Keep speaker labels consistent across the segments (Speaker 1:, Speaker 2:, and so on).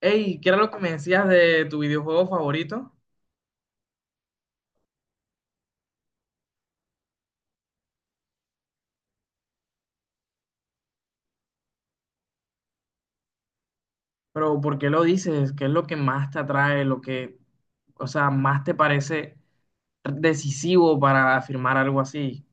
Speaker 1: Hey, ¿qué era lo que me decías de tu videojuego favorito? Pero ¿por qué lo dices? ¿Qué es lo que más te atrae? Lo que, o sea, más te parece decisivo para afirmar algo así.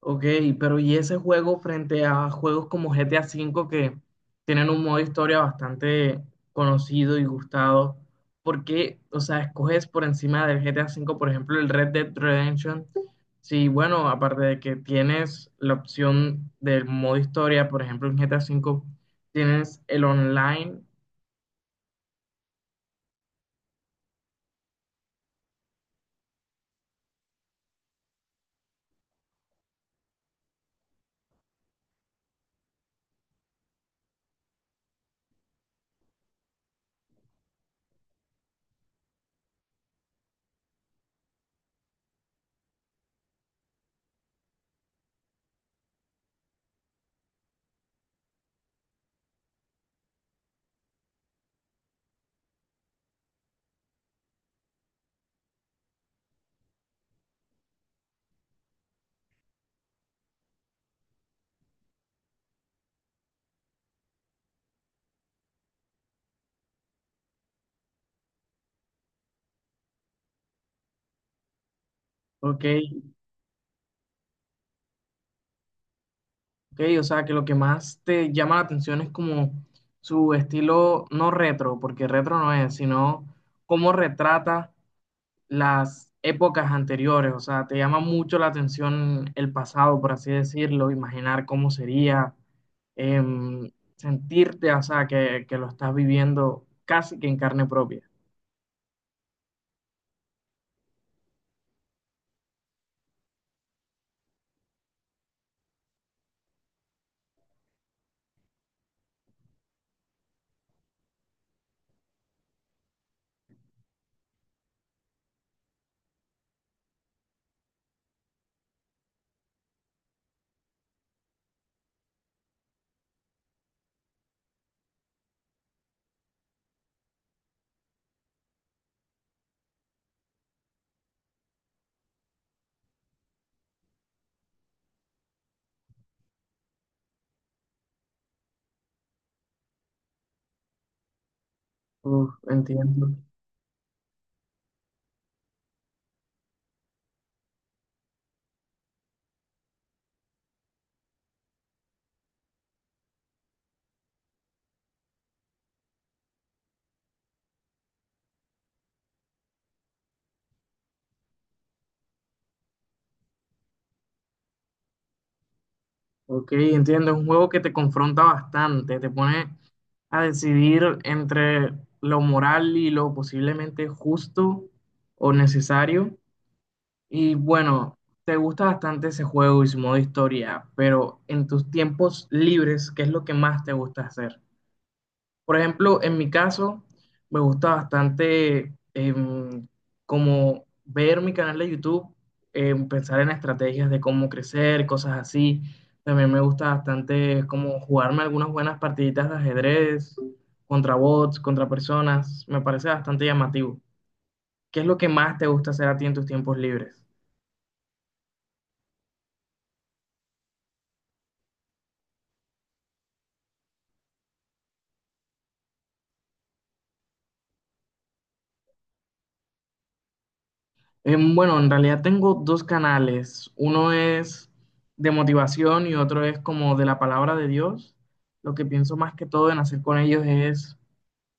Speaker 1: Ok, pero ¿y ese juego frente a juegos como GTA V que tienen un modo historia bastante conocido y gustado? ¿Por qué, o sea, escoges por encima del GTA V, por ejemplo, el Red Dead Redemption? Sí, bueno, aparte de que tienes la opción del modo historia, por ejemplo, en GTA V tienes el online. Ok. Ok, o sea, que lo que más te llama la atención es como su estilo, no retro, porque retro no es, sino cómo retrata las épocas anteriores. O sea, te llama mucho la atención el pasado, por así decirlo, imaginar cómo sería, em, sentirte, o sea, que lo estás viviendo casi que en carne propia. Uf, entiendo. Ok, entiendo. Es un juego que te confronta bastante, te pone a decidir entre lo moral y lo posiblemente justo o necesario. Y bueno, te gusta bastante ese juego y su modo historia, pero en tus tiempos libres, ¿qué es lo que más te gusta hacer? Por ejemplo, en mi caso, me gusta bastante como ver mi canal de YouTube, pensar en estrategias de cómo crecer, cosas así. También me gusta bastante como jugarme algunas buenas partiditas de ajedrez, contra bots, contra personas. Me parece bastante llamativo. ¿Qué es lo que más te gusta hacer a ti en tus tiempos libres? Bueno, en realidad tengo dos canales. Uno es de motivación y otro es como de la palabra de Dios. Lo que pienso más que todo en hacer con ellos es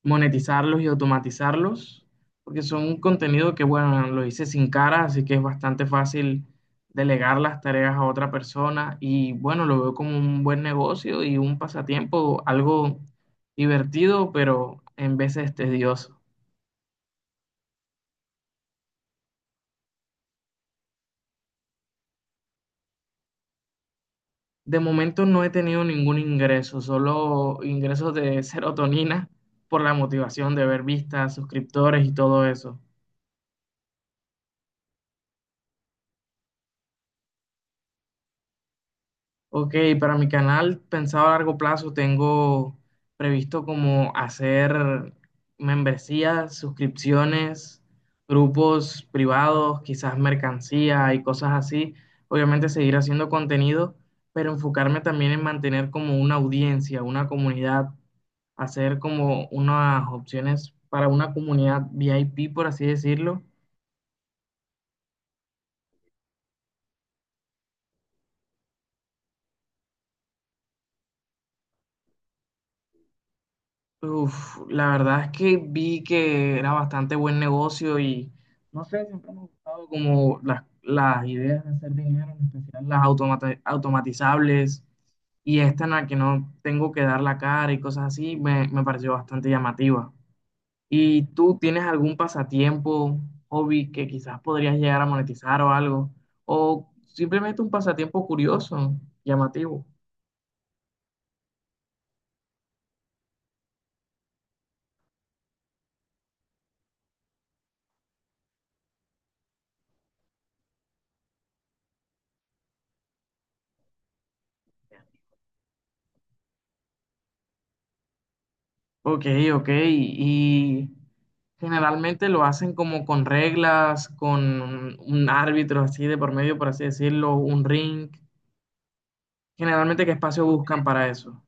Speaker 1: monetizarlos y automatizarlos, porque son un contenido que, bueno, lo hice sin cara, así que es bastante fácil delegar las tareas a otra persona y, bueno, lo veo como un buen negocio y un pasatiempo, algo divertido, pero en veces tedioso. De momento no he tenido ningún ingreso, solo ingresos de serotonina por la motivación de ver vistas, suscriptores y todo eso. Ok, para mi canal, pensado a largo plazo, tengo previsto como hacer membresías, suscripciones, grupos privados, quizás mercancía y cosas así. Obviamente seguir haciendo contenido, pero enfocarme también en mantener como una audiencia, una comunidad, hacer como unas opciones para una comunidad VIP, por así decirlo. Uf, la verdad es que vi que era bastante buen negocio y no sé, siempre me ha gustado como las ideas de hacer dinero, en especial las automatizables y esta en la que no tengo que dar la cara y cosas así, me pareció bastante llamativa. ¿Y tú tienes algún pasatiempo, hobby que quizás podrías llegar a monetizar o algo? ¿O simplemente un pasatiempo curioso, llamativo? Ok, ok. Y generalmente lo hacen como con reglas, con un árbitro así de por medio, por así decirlo, un ring. Generalmente, ¿qué espacio buscan para eso?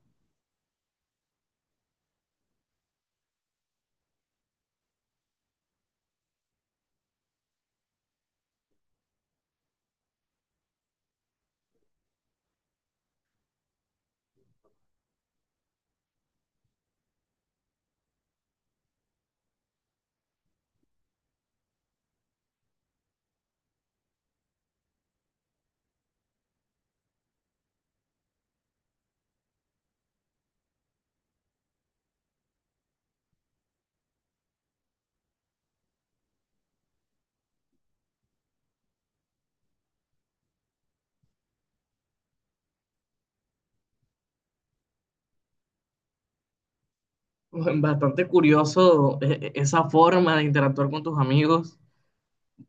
Speaker 1: Bastante curioso esa forma de interactuar con tus amigos,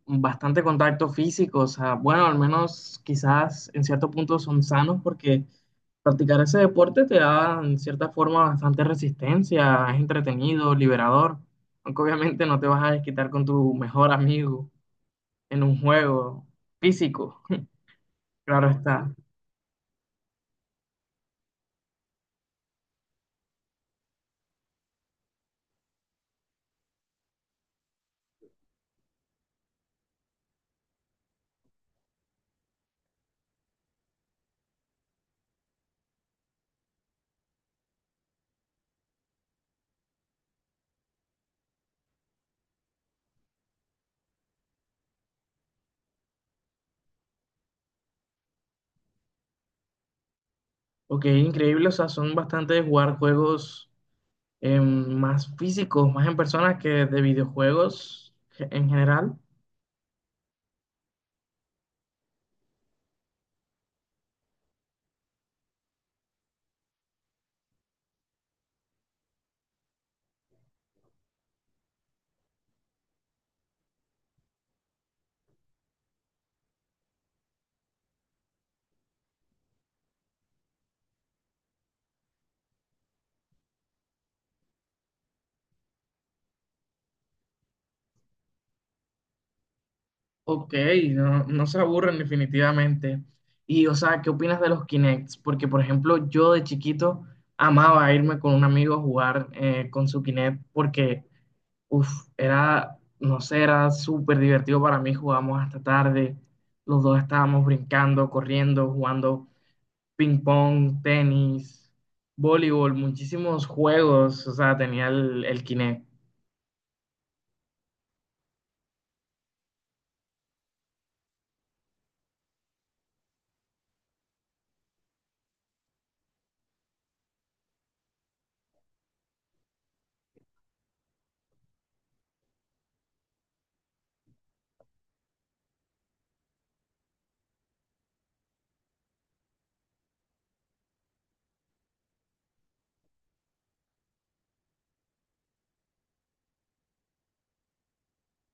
Speaker 1: bastante contacto físico, o sea, bueno, al menos quizás en cierto punto son sanos porque practicar ese deporte te da en cierta forma bastante resistencia, es entretenido, liberador, aunque obviamente no te vas a desquitar con tu mejor amigo en un juego físico, claro está. Ok, increíble, o sea, son bastante de jugar juegos más físicos, más en personas que de videojuegos en general. Ok, no, no se aburren definitivamente. Y, o sea, ¿qué opinas de los Kinects? Porque, por ejemplo, yo de chiquito amaba irme con un amigo a jugar con su Kinect porque, era, no sé, era súper divertido para mí. Jugábamos hasta tarde, los dos estábamos brincando, corriendo, jugando ping pong, tenis, voleibol, muchísimos juegos, o sea, tenía el Kinect.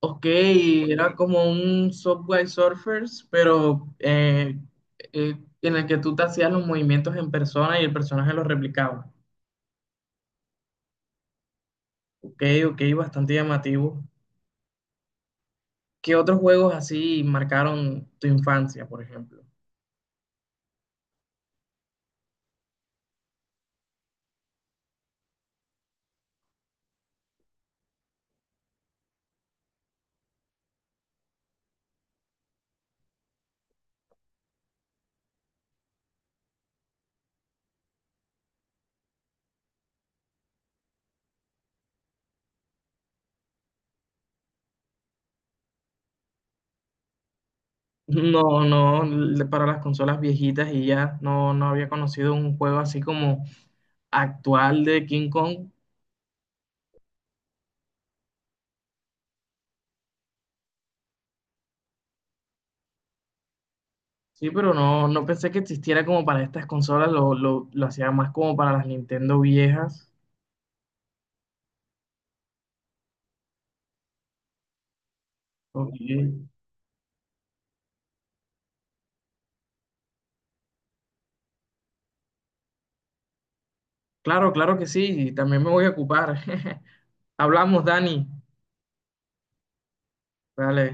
Speaker 1: Ok, era como un Subway Surfers, pero eh, en el que tú te hacías los movimientos en persona y el personaje los replicaba. Ok, ok, bastante llamativo. ¿Qué otros juegos así marcaron tu infancia, por ejemplo? No, no, para las consolas viejitas y ya no había conocido un juego así como actual de King Kong. Sí, pero no pensé que existiera como para estas consolas, lo hacía más como para las Nintendo viejas. Ok. Claro, claro que sí, y también me voy a ocupar. Hablamos, Dani. Dale.